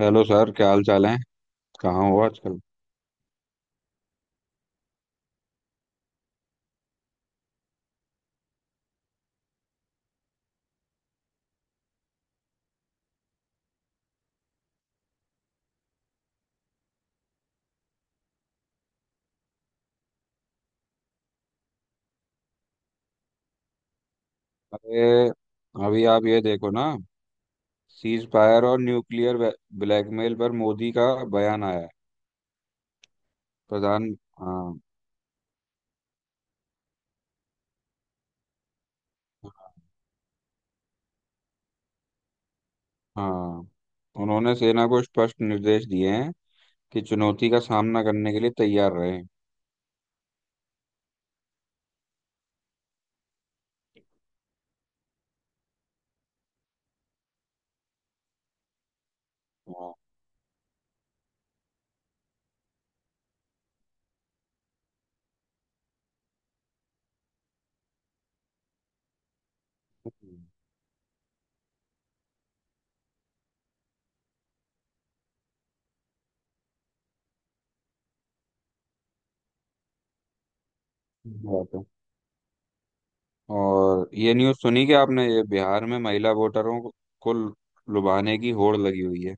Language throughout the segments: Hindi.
हेलो सर, क्या हाल चाल है। कहाँ हो आजकल। अरे, अभी आप ये देखो ना। सीज फायर और न्यूक्लियर ब्लैकमेल पर मोदी का बयान आया है। प्रधान हाँ हाँ। उन्होंने सेना को स्पष्ट निर्देश दिए हैं कि चुनौती का सामना करने के लिए तैयार रहें। हाँ, सही बात है। और ये न्यूज़ सुनी क्या आपने, ये बिहार में महिला वोटरों को लुभाने की होड़ लगी हुई है।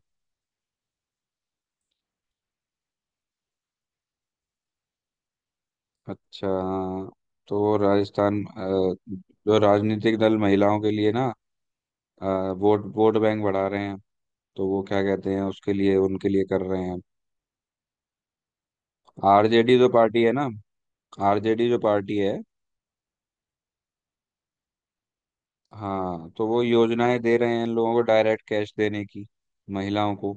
अच्छा, हाँ। तो राजस्थान, जो राजनीतिक दल महिलाओं के लिए ना, अ, वोट वोट बैंक बढ़ा रहे हैं, तो वो क्या कहते हैं उसके लिए उनके लिए कर रहे हैं। आरजेडी जो पार्टी है ना आरजेडी जो पार्टी है। हाँ, तो वो योजनाएं दे रहे हैं इन लोगों को डायरेक्ट कैश देने की, महिलाओं को।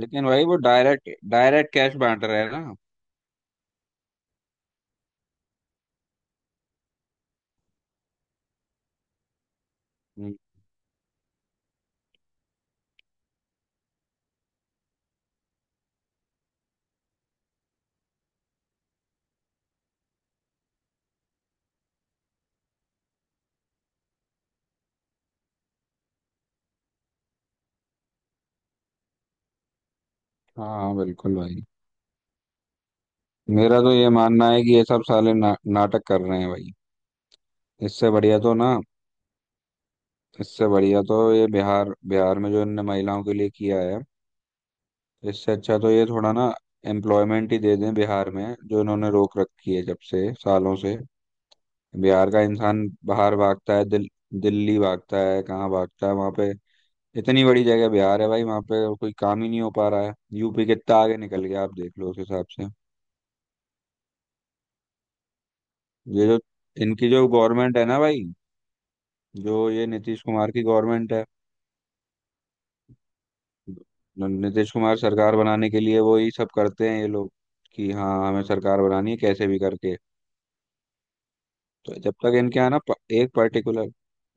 लेकिन भाई वो डायरेक्ट डायरेक्ट कैश बांट रहे हैं ना। हम्म। हाँ, बिल्कुल भाई। मेरा तो ये मानना है कि ये सब साले ना, नाटक कर रहे हैं भाई। इससे बढ़िया तो ना इससे बढ़िया तो ये बिहार बिहार में जो इनने महिलाओं के लिए किया है, इससे अच्छा तो ये थोड़ा ना एम्प्लॉयमेंट ही दे दें। बिहार में जो इन्होंने रोक रखी है जब से, सालों से। बिहार का इंसान बाहर भागता है, दिल्ली भागता है, कहाँ भागता है वहाँ पे। इतनी बड़ी जगह बिहार है भाई, वहाँ पे कोई काम ही नहीं हो पा रहा है। यूपी कितना आगे निकल गया आप देख लो उस हिसाब से। ये जो इनकी जो गवर्नमेंट है ना भाई, जो ये नीतीश कुमार की गवर्नमेंट है। नीतीश कुमार सरकार बनाने के लिए वो ही सब करते हैं ये लोग, कि हाँ हमें सरकार बनानी है कैसे भी करके। तो जब तक इनके यहाँ ना एक पर्टिकुलर।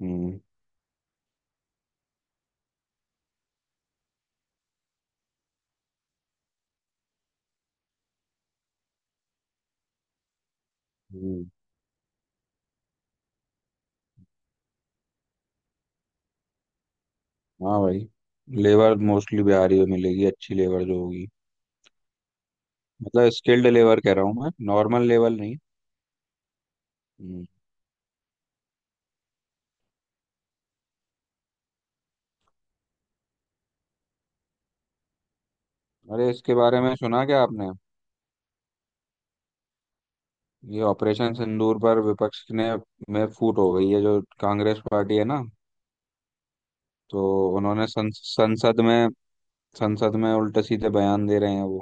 हम्म। हाँ भाई। लेबर मोस्टली बिहारी में मिलेगी, अच्छी लेबर जो होगी। मतलब स्किल्ड लेबर कह रहा हूँ मैं, नॉर्मल लेवल नहीं। हम्म। अरे, इसके बारे में सुना क्या आपने, ये ऑपरेशन सिंदूर पर विपक्ष ने में फूट हो गई है, जो कांग्रेस पार्टी है ना। तो उन्होंने संसद में, संसद में उल्टे सीधे बयान दे रहे हैं वो।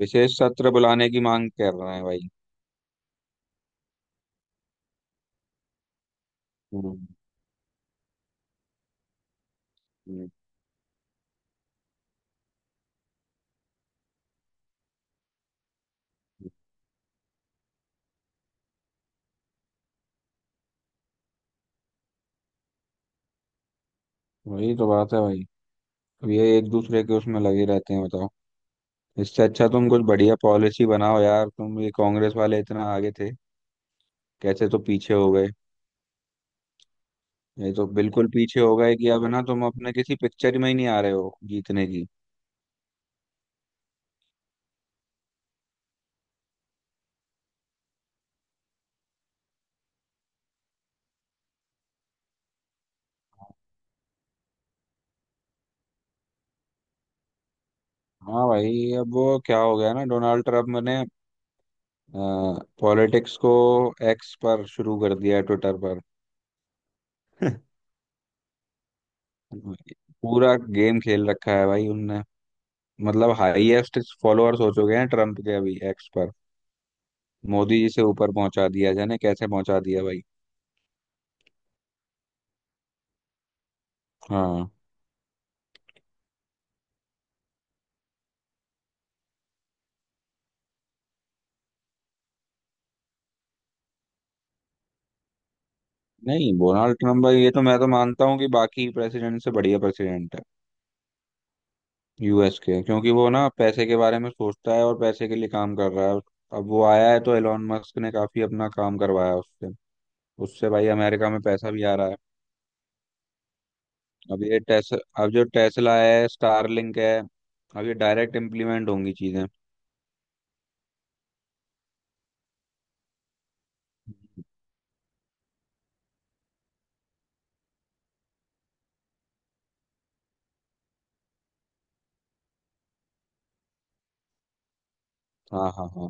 विशेष सत्र बुलाने की मांग कर रहे हैं भाई। हम्म, हम्म, हम्म। वही तो बात है भाई, अब ये एक दूसरे के उसमें लगे रहते हैं बताओ। इससे अच्छा तुम कुछ बढ़िया पॉलिसी बनाओ यार। तुम ये कांग्रेस वाले इतना आगे थे, कैसे तो पीछे हो गए। ये तो बिल्कुल पीछे हो गए कि अब है ना, तुम अपने किसी पिक्चर में ही नहीं आ रहे हो जीतने की। हाँ भाई, अब वो क्या हो गया ना, डोनाल्ड ट्रम्प ने पॉलिटिक्स को एक्स पर शुरू कर दिया, ट्विटर पर। पूरा गेम खेल रखा है भाई उनने। मतलब हाईएस्ट फॉलोअर्स हो चुके हैं ट्रम्प के अभी एक्स पर। मोदी जी से ऊपर पहुंचा दिया, जाने कैसे पहुंचा दिया भाई। हाँ। नहीं, डोनाल्ड ट्रम्प भाई ये तो मैं तो मानता हूँ कि बाकी प्रेसिडेंट से बढ़िया प्रेसिडेंट है, यूएस के। क्योंकि वो ना पैसे के बारे में सोचता है और पैसे के लिए काम कर रहा है। अब वो आया है तो एलोन मस्क ने काफी अपना काम करवाया उससे। उससे भाई अमेरिका में पैसा भी आ रहा है। अब ये टेस अब जो टेस्ला है, स्टारलिंक है, अब ये डायरेक्ट इम्प्लीमेंट होंगी चीजें। हाँ हाँ हाँ।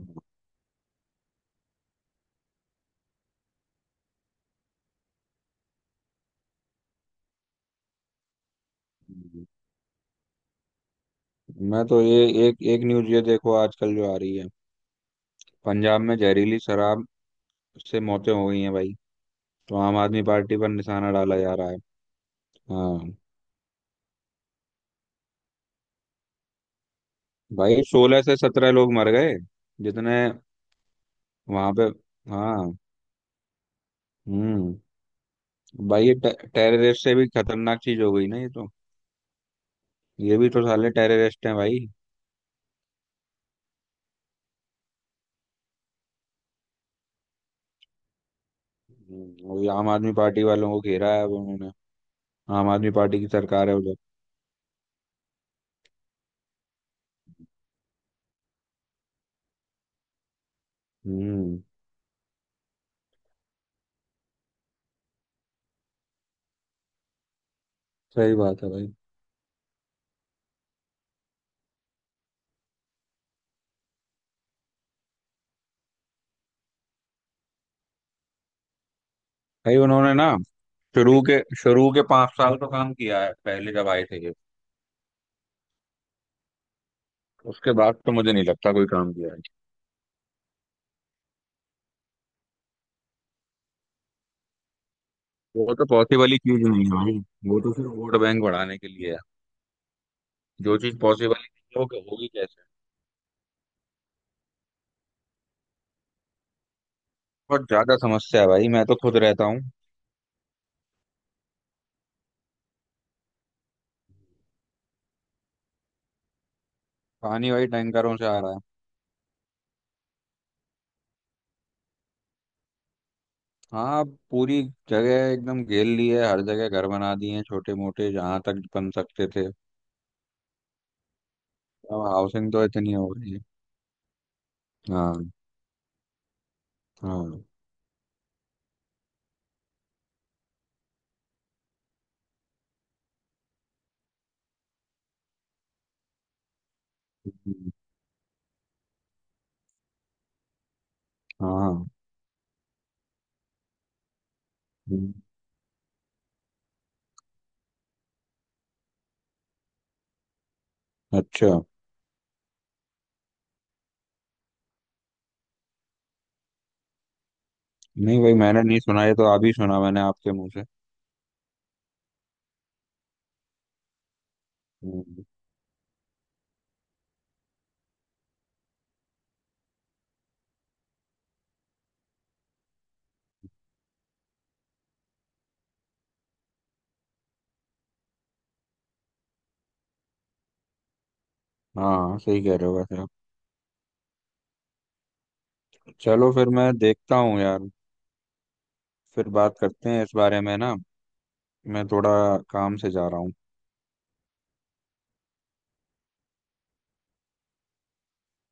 हाँ। मैं तो ये एक एक न्यूज ये देखो आजकल जो आ रही है, पंजाब में जहरीली शराब से मौतें हो गई हैं भाई, तो आम आदमी पार्टी पर निशाना डाला जा रहा है। हाँ भाई, सोलह से सत्रह लोग मर गए, जितने वहां पे। हाँ। हम्म। भाई ये टेररिस्ट से भी खतरनाक चीज हो गई ना ये तो। ये भी तो साले टेररिस्ट हैं भाई। और ये आम आदमी पार्टी वालों को घेरा है अब उन्होंने। आम आदमी पार्टी की सरकार है उधर। हम्म सही बात है भाई। भाई उन्होंने ना, शुरू के पांच साल तो काम किया है, पहले जब आए थे ये। उसके बाद तो मुझे नहीं लगता कोई काम किया है। वो तो पॉसिबल ही चीज नहीं है भाई, वो तो सिर्फ वोट बैंक बढ़ाने के लिए है। जो चीज पॉसिबल ही नहीं है, वो होगी कैसे। बहुत ज्यादा समस्या है भाई, मैं तो खुद रहता हूँ। पानी वही टैंकरों से आ रहा है। हाँ, अब पूरी जगह एकदम घेर ली है, हर जगह घर बना दिए हैं छोटे मोटे जहां तक बन सकते थे। अब हाउसिंग तो इतनी हो गई है। हाँ हाँ। हम्म, हाँ। हम्म। अच्छा। नहीं भाई, मैंने नहीं सुना, ये तो आप ही सुना, मैंने आपके मुंह से। हम्म। हाँ, सही कह रहे हो वैसे आप। चलो फिर मैं देखता हूँ यार, फिर बात करते हैं इस बारे में ना, मैं थोड़ा काम से जा रहा हूँ।